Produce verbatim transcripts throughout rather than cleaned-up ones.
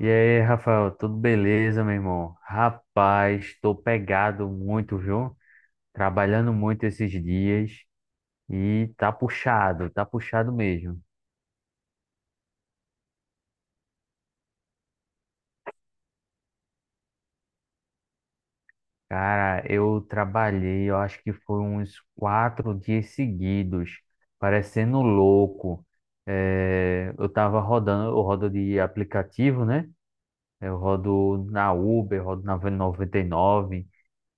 E aí, Rafael, tudo beleza, meu irmão? Rapaz, tô pegado muito, viu? Trabalhando muito esses dias e tá puxado, tá puxado mesmo. Cara, eu trabalhei, eu acho que foi uns quatro dias seguidos, parecendo louco. Eh, eu tava rodando, eu rodo de aplicativo, né? Eu rodo na Uber, rodo na V noventa e nove e nove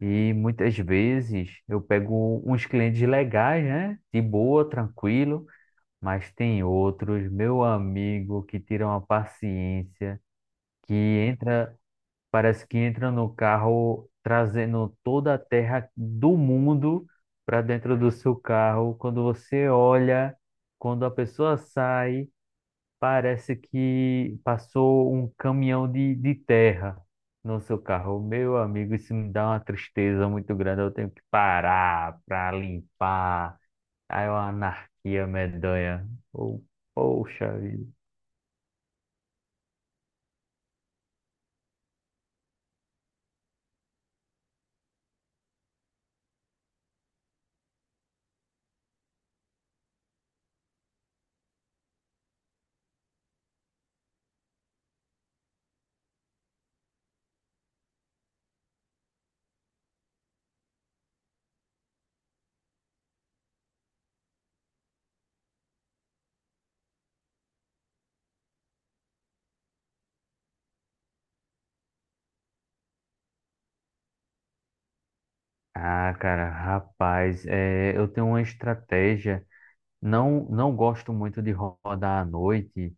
e muitas vezes eu pego uns clientes legais, né? De boa, tranquilo, mas tem outros, meu amigo, que tiram a paciência, que entra, parece que entra no carro trazendo toda a terra do mundo para dentro do seu carro. Quando você olha, quando a pessoa sai, parece que passou um caminhão de, de terra no seu carro. Meu amigo, isso me dá uma tristeza muito grande. Eu tenho que parar para limpar. Aí é uma anarquia medonha. Oh, poxa vida. Ah, cara, rapaz, é, eu tenho uma estratégia. Não, não gosto muito de rodar à noite,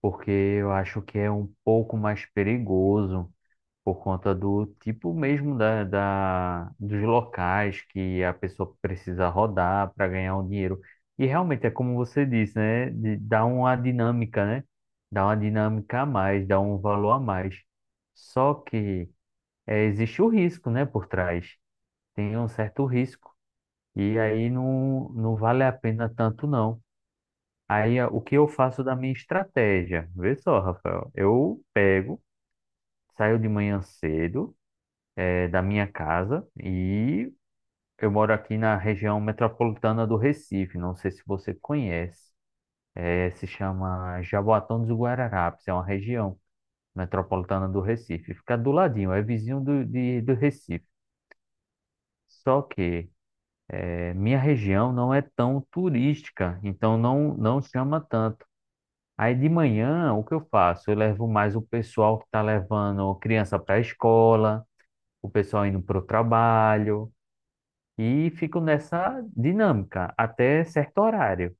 porque eu acho que é um pouco mais perigoso, por conta do tipo mesmo da, da- dos locais que a pessoa precisa rodar para ganhar o dinheiro. E realmente é como você disse, né? de- Dá uma dinâmica, né? Dá uma dinâmica a mais, dá um valor a mais. Só que eh, existe o risco, né, por trás. Tem um certo risco. E aí não, não vale a pena tanto, não. Aí a- o que eu faço da minha estratégia? Vê só, Rafael. Eu pego, saio de manhã cedo eh, da minha casa e eu moro aqui na região metropolitana do Recife. Não sei se você conhece. Eh, se chama Jaboatão dos Guararapes. É uma região metropolitana do Recife. Fica do ladinho, é vizinho do, de- do Recife. Só que eh, minha região não é tão turística, então não, não chama tanto. Aí de manhã, o que eu faço? Eu levo mais o pessoal que está levando criança para a escola, o pessoal indo para o trabalho, e fico nessa dinâmica até certo horário.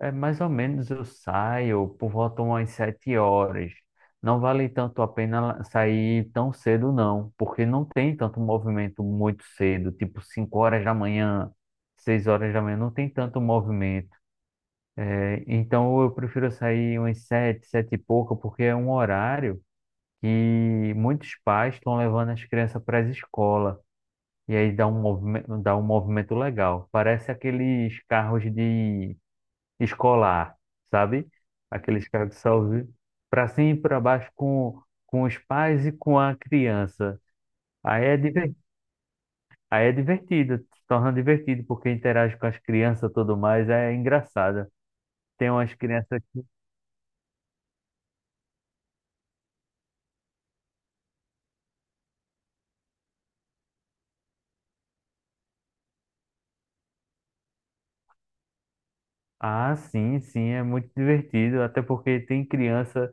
É, mais ou menos eu saio por volta umas sete horas. Não vale tanto a pena sair tão cedo, não, porque não tem tanto movimento muito cedo, tipo cinco horas da manhã, seis horas da manhã, não tem tanto movimento. É, então eu prefiro sair umas sete, sete e pouca, porque é um horário que muitos pais estão levando as crianças para a escola. E aí dá um movimento, dá um movimento legal. Parece aqueles carros de escolar, sabe? Aqueles carros que só para cima e para baixo com, com os pais e com a criança. Aí é, diver- Aí é divertido, se torna divertido, porque interage com as crianças e tudo mais, é engraçado. Tem umas crianças. Ah, sim, sim, é muito divertido, até porque tem criança.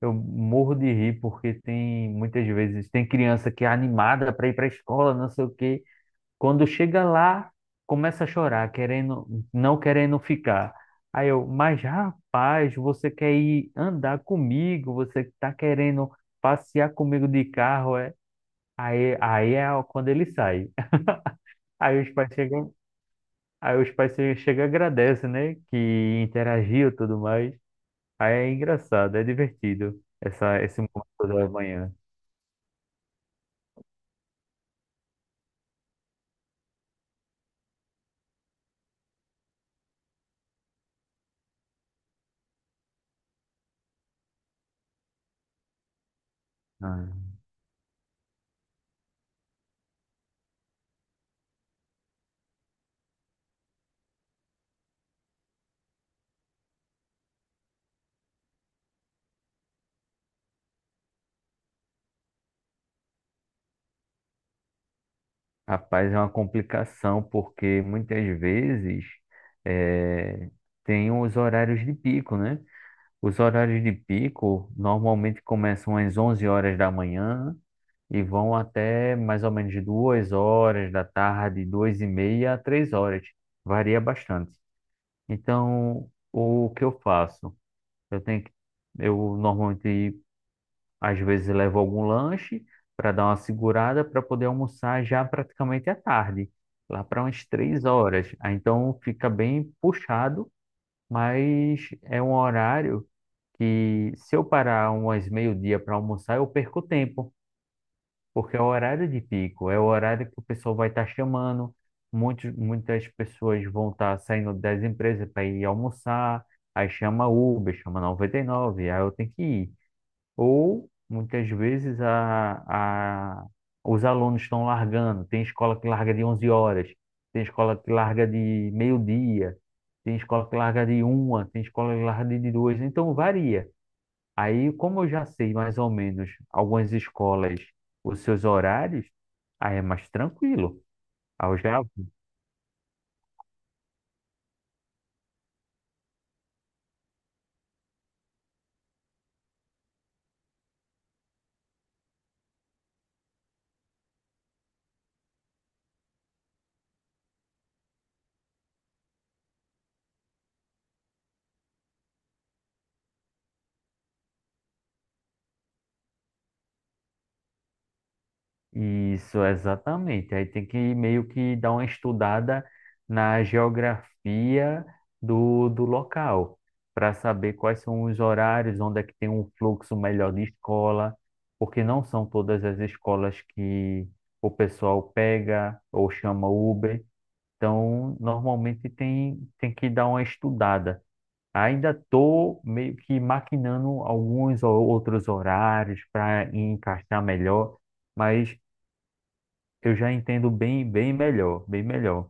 Eu morro de rir porque tem muitas vezes tem criança que é animada para ir para a escola, não sei o quê. Quando chega lá, começa a chorar, querendo, não querendo ficar. Aí eu, mas rapaz, você quer ir andar comigo? Você tá querendo passear comigo de carro? É? Aí, aí é quando ele sai. Aí os pais chegam, aí os pais che- chegam e agradecem, né? Que interagiu e tudo mais. Aí é engraçado, é divertido essa, esse momento da manhã. Ah. Rapaz, é uma complicação, porque muitas vezes eh, tem os horários de pico, né? Os horários de pico normalmente começam às onze horas da manhã e vão até mais ou menos duas horas da tarde, duas e meia a três horas. Varia bastante. Então, o que eu faço? Eu tenho que, eu normalmente às vezes levo algum lanche para dar uma segurada para poder almoçar já praticamente à tarde, lá para umas três horas. Aí, então fica bem puxado, mas é um horário que se eu parar umas meio-dia para almoçar, eu perco tempo, porque é o horário de pico, é o horário que o pessoal vai estar chamando, muitos, muitas pessoas vão estar saindo das empresas para ir almoçar, aí chama Uber, chama noventa e nove, aí eu tenho que ir. Ou, muitas vezes, a, a, os alunos estão largando. Tem escola que larga de onze horas, tem escola que larga de meio-dia, tem escola que larga de uma, tem escola que larga de duas. Então, varia. Aí, como eu já sei mais ou menos algumas escolas, os seus horários, aí é mais tranquilo. Aí eu já isso, exatamente. Aí tem que meio que dar uma estudada na geografia do, do local, para saber quais são os horários, onde é que tem um fluxo melhor de escola, porque não são todas as escolas que o pessoal pega ou chama Uber. Então, normalmente tem, tem que dar uma estudada. Ainda estou meio que maquinando alguns ou outros horários para encaixar melhor, mas eu já entendo bem, bem melhor, bem melhor.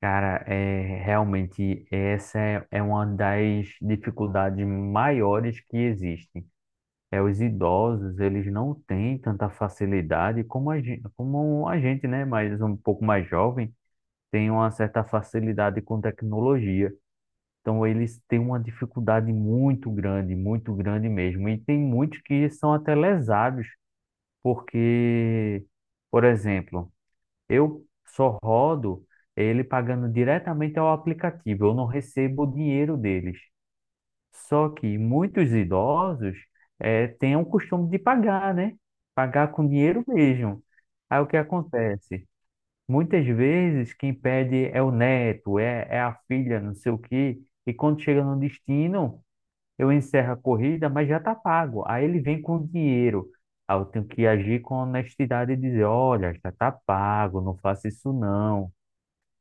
Cara, é realmente essa é, é uma das dificuldades maiores que existe. É os idosos, eles não têm tanta facilidade como a gente, como a gente, né, mas um pouco mais jovem, tem uma certa facilidade com tecnologia. Então eles têm uma dificuldade muito grande, muito grande mesmo. E tem muitos que são até lesados, porque, por exemplo, eu só rodo ele pagando diretamente ao aplicativo, eu não recebo o dinheiro deles. Só que muitos idosos eh, têm o costume de pagar, né? Pagar com dinheiro mesmo. Aí o que acontece? Muitas vezes quem pede é o neto, é, é a filha, não sei o quê, e quando chega no destino eu encerro a corrida, mas já está pago. Aí ele vem com o dinheiro. Aí eu tenho que agir com honestidade e dizer, olha, já está pago, não faça isso não.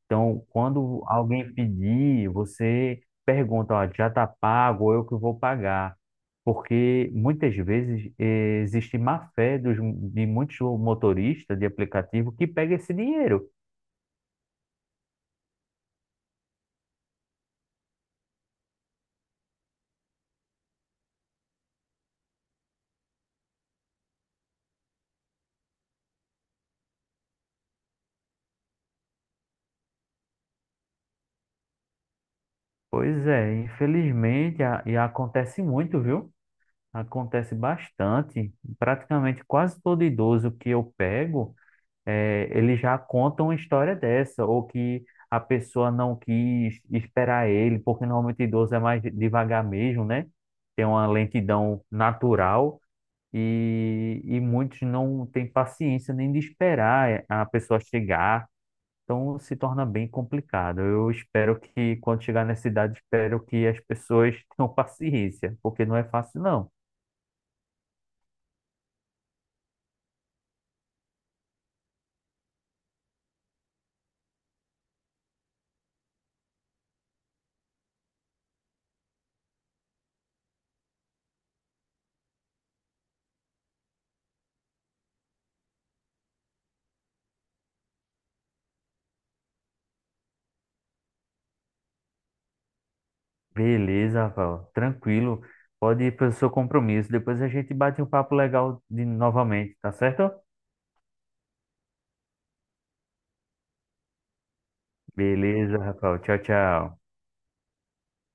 Então, quando alguém pedir, você pergunta, ó, já está pago, ou eu que vou pagar. Porque muitas vezes eh, existe má fé dos, de muitos motoristas de aplicativo que pega esse dinheiro. Pois é, infelizmente, a- e acontece muito, viu? Acontece bastante, praticamente quase todo idoso que eu pego, eh, ele já conta uma história dessa, ou que a pessoa não quis esperar ele, porque normalmente idoso é mais devagar mesmo, né? Tem uma lentidão natural e, e muitos não têm paciência nem de esperar é, a pessoa chegar, então se torna bem complicado. Eu espero que quando chegar nessa idade, espero que as pessoas tenham paciência, porque não é fácil não. Beleza, Rafael. Tranquilo. Pode ir para o seu compromisso. Depois a gente bate um papo legal de novamente, tá certo? Beleza, Rafael. Tchau, tchau.